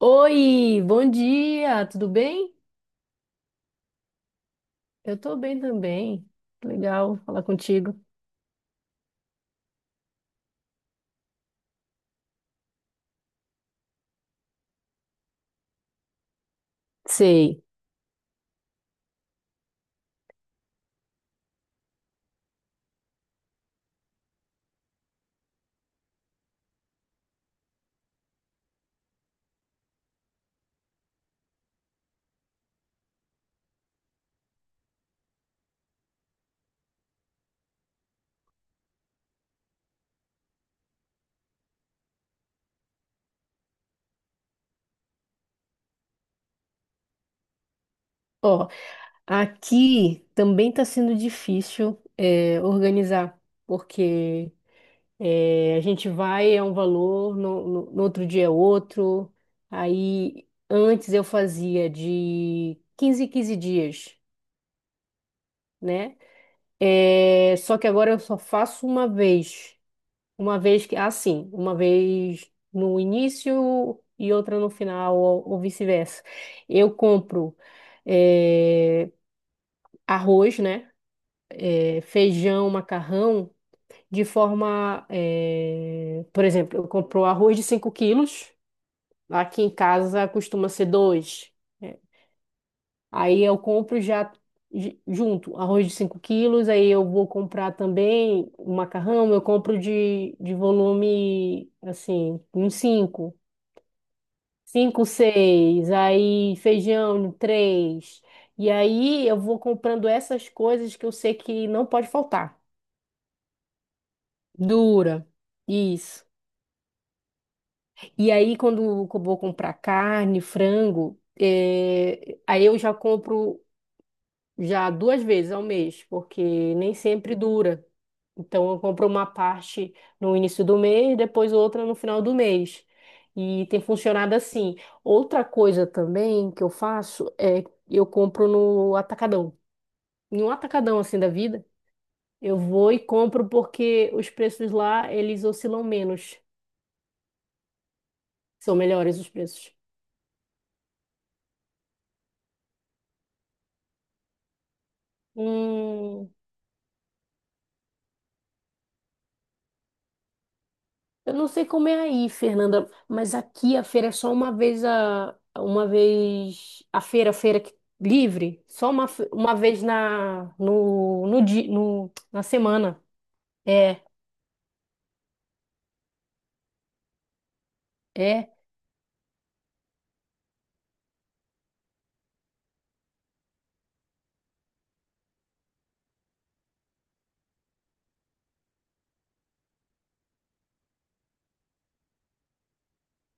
Oi, bom dia, tudo bem? Eu tô bem também. Legal falar contigo. Sei. Ó, aqui também tá sendo difícil organizar, porque a gente vai, é um valor, no outro dia é outro. Aí, antes eu fazia de 15 em 15 dias, né? É, só que agora eu só faço uma vez. Uma vez que, assim, uma vez no início e outra no final, ou vice-versa. Eu compro eh, arroz, né? Feijão, macarrão, de forma. Por exemplo, eu compro arroz de 5 quilos, aqui em casa costuma ser 2. Aí eu compro já junto arroz de 5 quilos, aí eu vou comprar também o macarrão, eu compro de volume, assim, uns 5 cinco, seis, aí feijão, três. E aí eu vou comprando essas coisas que eu sei que não pode faltar. Dura. Isso. E aí, quando eu vou comprar carne, frango, aí eu já compro já duas vezes ao mês, porque nem sempre dura. Então, eu compro uma parte no início do mês, depois outra no final do mês. E tem funcionado assim. Outra coisa também que eu faço é eu compro no atacadão. Em um atacadão assim da vida, eu vou e compro porque os preços lá, eles oscilam menos. São melhores os preços. Hum, Eu não sei como é aí, Fernanda, mas aqui a feira é só uma vez a feira livre, só uma vez na no, no, di- no na semana. É, é,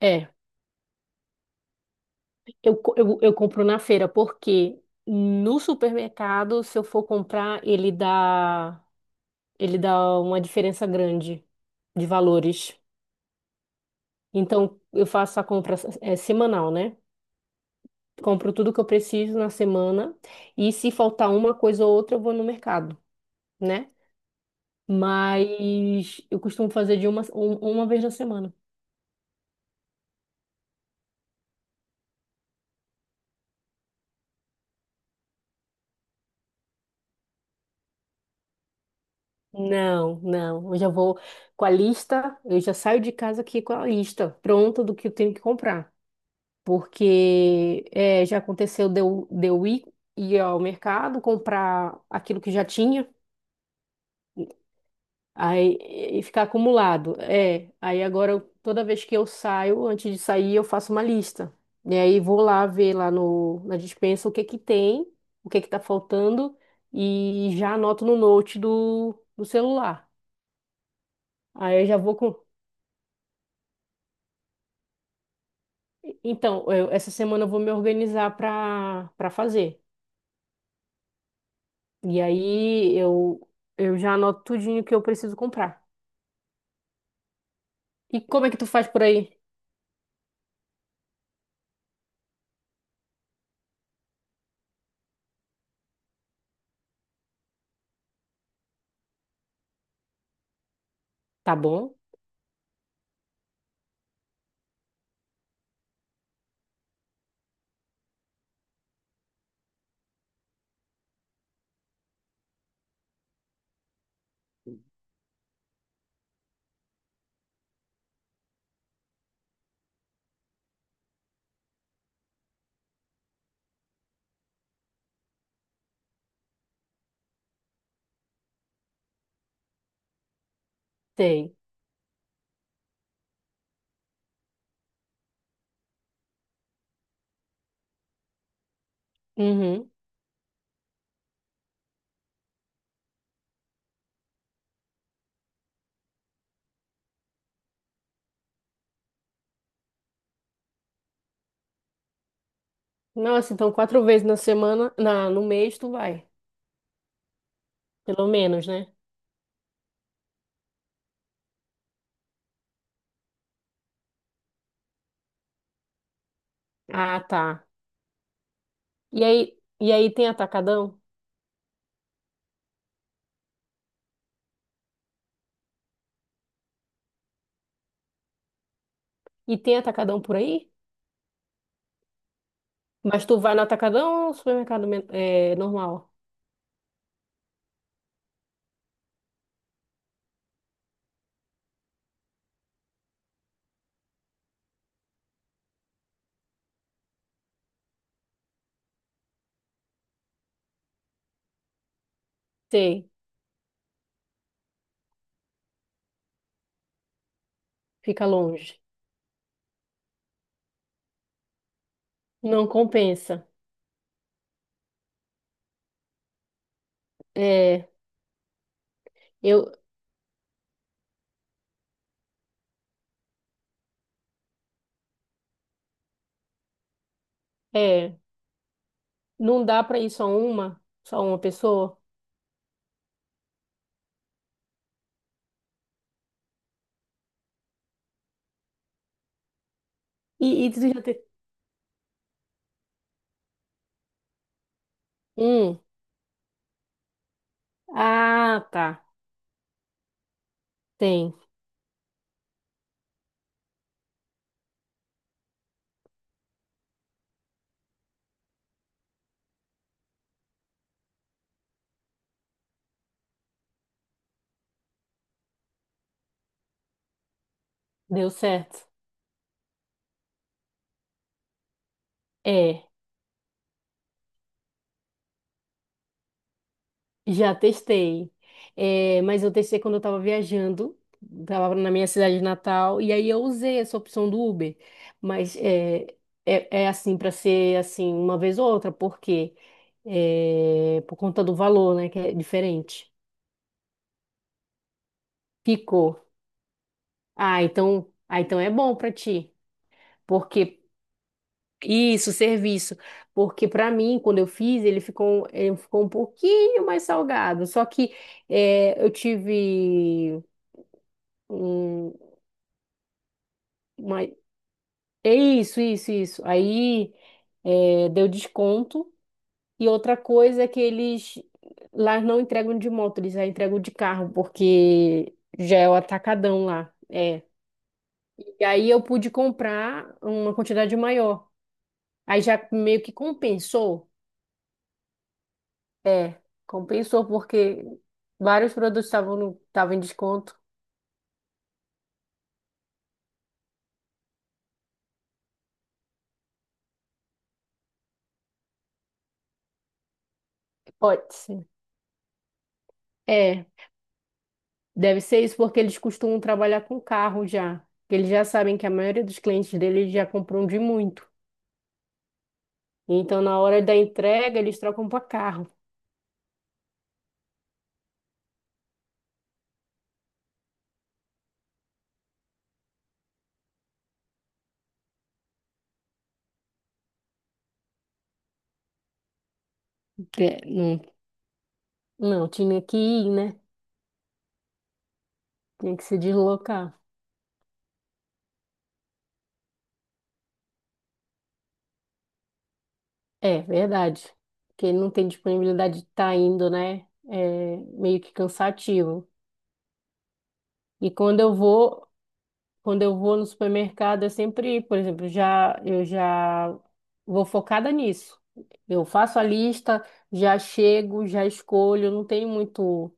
é. Eu compro na feira porque no supermercado, se eu for comprar, ele dá uma diferença grande de valores. Então eu faço a compra semanal, né? Compro tudo que eu preciso na semana e se faltar uma coisa ou outra, eu vou no mercado, né? Mas eu costumo fazer de uma vez na semana. Não, não. Eu já vou com a lista, eu já saio de casa aqui com a lista pronta do que eu tenho que comprar. Porque já aconteceu de eu ir ao mercado comprar aquilo que já tinha. Aí, e ficar acumulado. É, aí agora toda vez que eu saio, antes de sair, eu faço uma lista. E aí vou lá ver lá no, na despensa o que que tem, o que que tá faltando e já anoto no note do celular. Aí eu já vou com. Então, essa semana eu vou me organizar para fazer. E aí eu já anoto tudinho que eu preciso comprar. E como é que tu faz por aí? Tá bom? Tem. Uhum. Nossa, então quatro vezes na semana, no mês tu vai, pelo menos, né? Ah, tá. E aí tem atacadão? E tem atacadão por aí? Mas tu vai no atacadão ou supermercado normal? Sei, fica longe. Não compensa. É, eu, é, não dá pra ir só uma pessoa. E tu já tem um? Ah, tá. Tem, deu certo. É. Já testei. É, mas eu testei quando eu estava viajando, estava na minha cidade natal, e aí eu usei essa opção do Uber, mas é assim para ser assim uma vez ou outra, porque por conta do valor, né, que é diferente. Ficou. Ah, então é bom para ti, porque isso, serviço, porque para mim quando eu fiz ele ficou um pouquinho mais salgado, só que eu tive um- Mas, é isso, isso, isso. Aí deu desconto. E outra coisa é que eles lá não entregam de moto, eles já entregam de carro, porque já é o atacadão lá. É. E aí eu pude comprar uma quantidade maior. Aí já meio que compensou. É, compensou porque vários produtos estavam estavam em desconto. Pode ser. É. Deve ser isso porque eles costumam trabalhar com carro já. Que Eles já sabem que a maioria dos clientes deles já compram de muito. Então, na hora da entrega, eles trocam para carro. É, não, não, tinha que ir, né? Tinha que se deslocar. É, verdade. Porque não tem disponibilidade de estar indo, né? É meio que cansativo. E quando eu vou, Quando eu vou no supermercado, eu sempre, por exemplo, já eu já vou focada nisso. Eu faço a lista, já chego, já escolho, não tem muito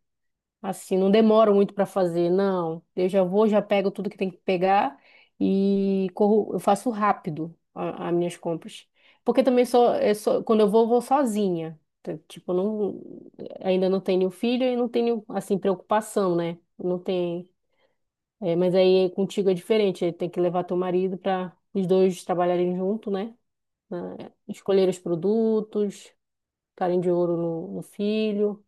assim, não demoro muito para fazer, não. Eu já vou, já pego tudo que tem que pegar e corro, eu faço rápido as minhas compras. Porque também sou, eu sou- quando eu vou sozinha. Tipo, eu não, ainda não tenho filho e não tenho assim preocupação, né? Não tem. Mas aí contigo é diferente, aí tem que levar teu marido para os dois trabalharem junto, né? Na- Escolher os produtos, ficarem de ouro no filho.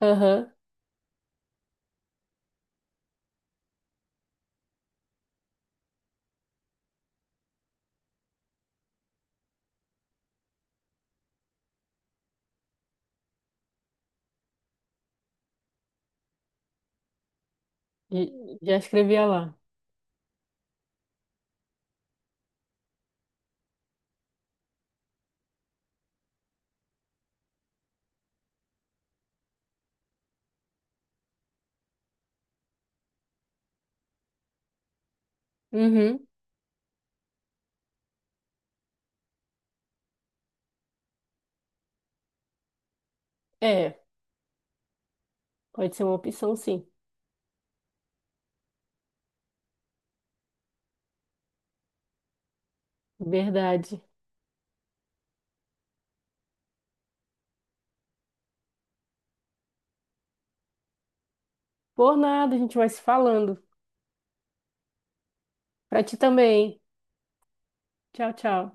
Aham, já escrevia lá. Uhum. É, pode ser uma opção, sim. Verdade. Por nada, a gente vai se falando. Pra ti também. Tchau, tchau.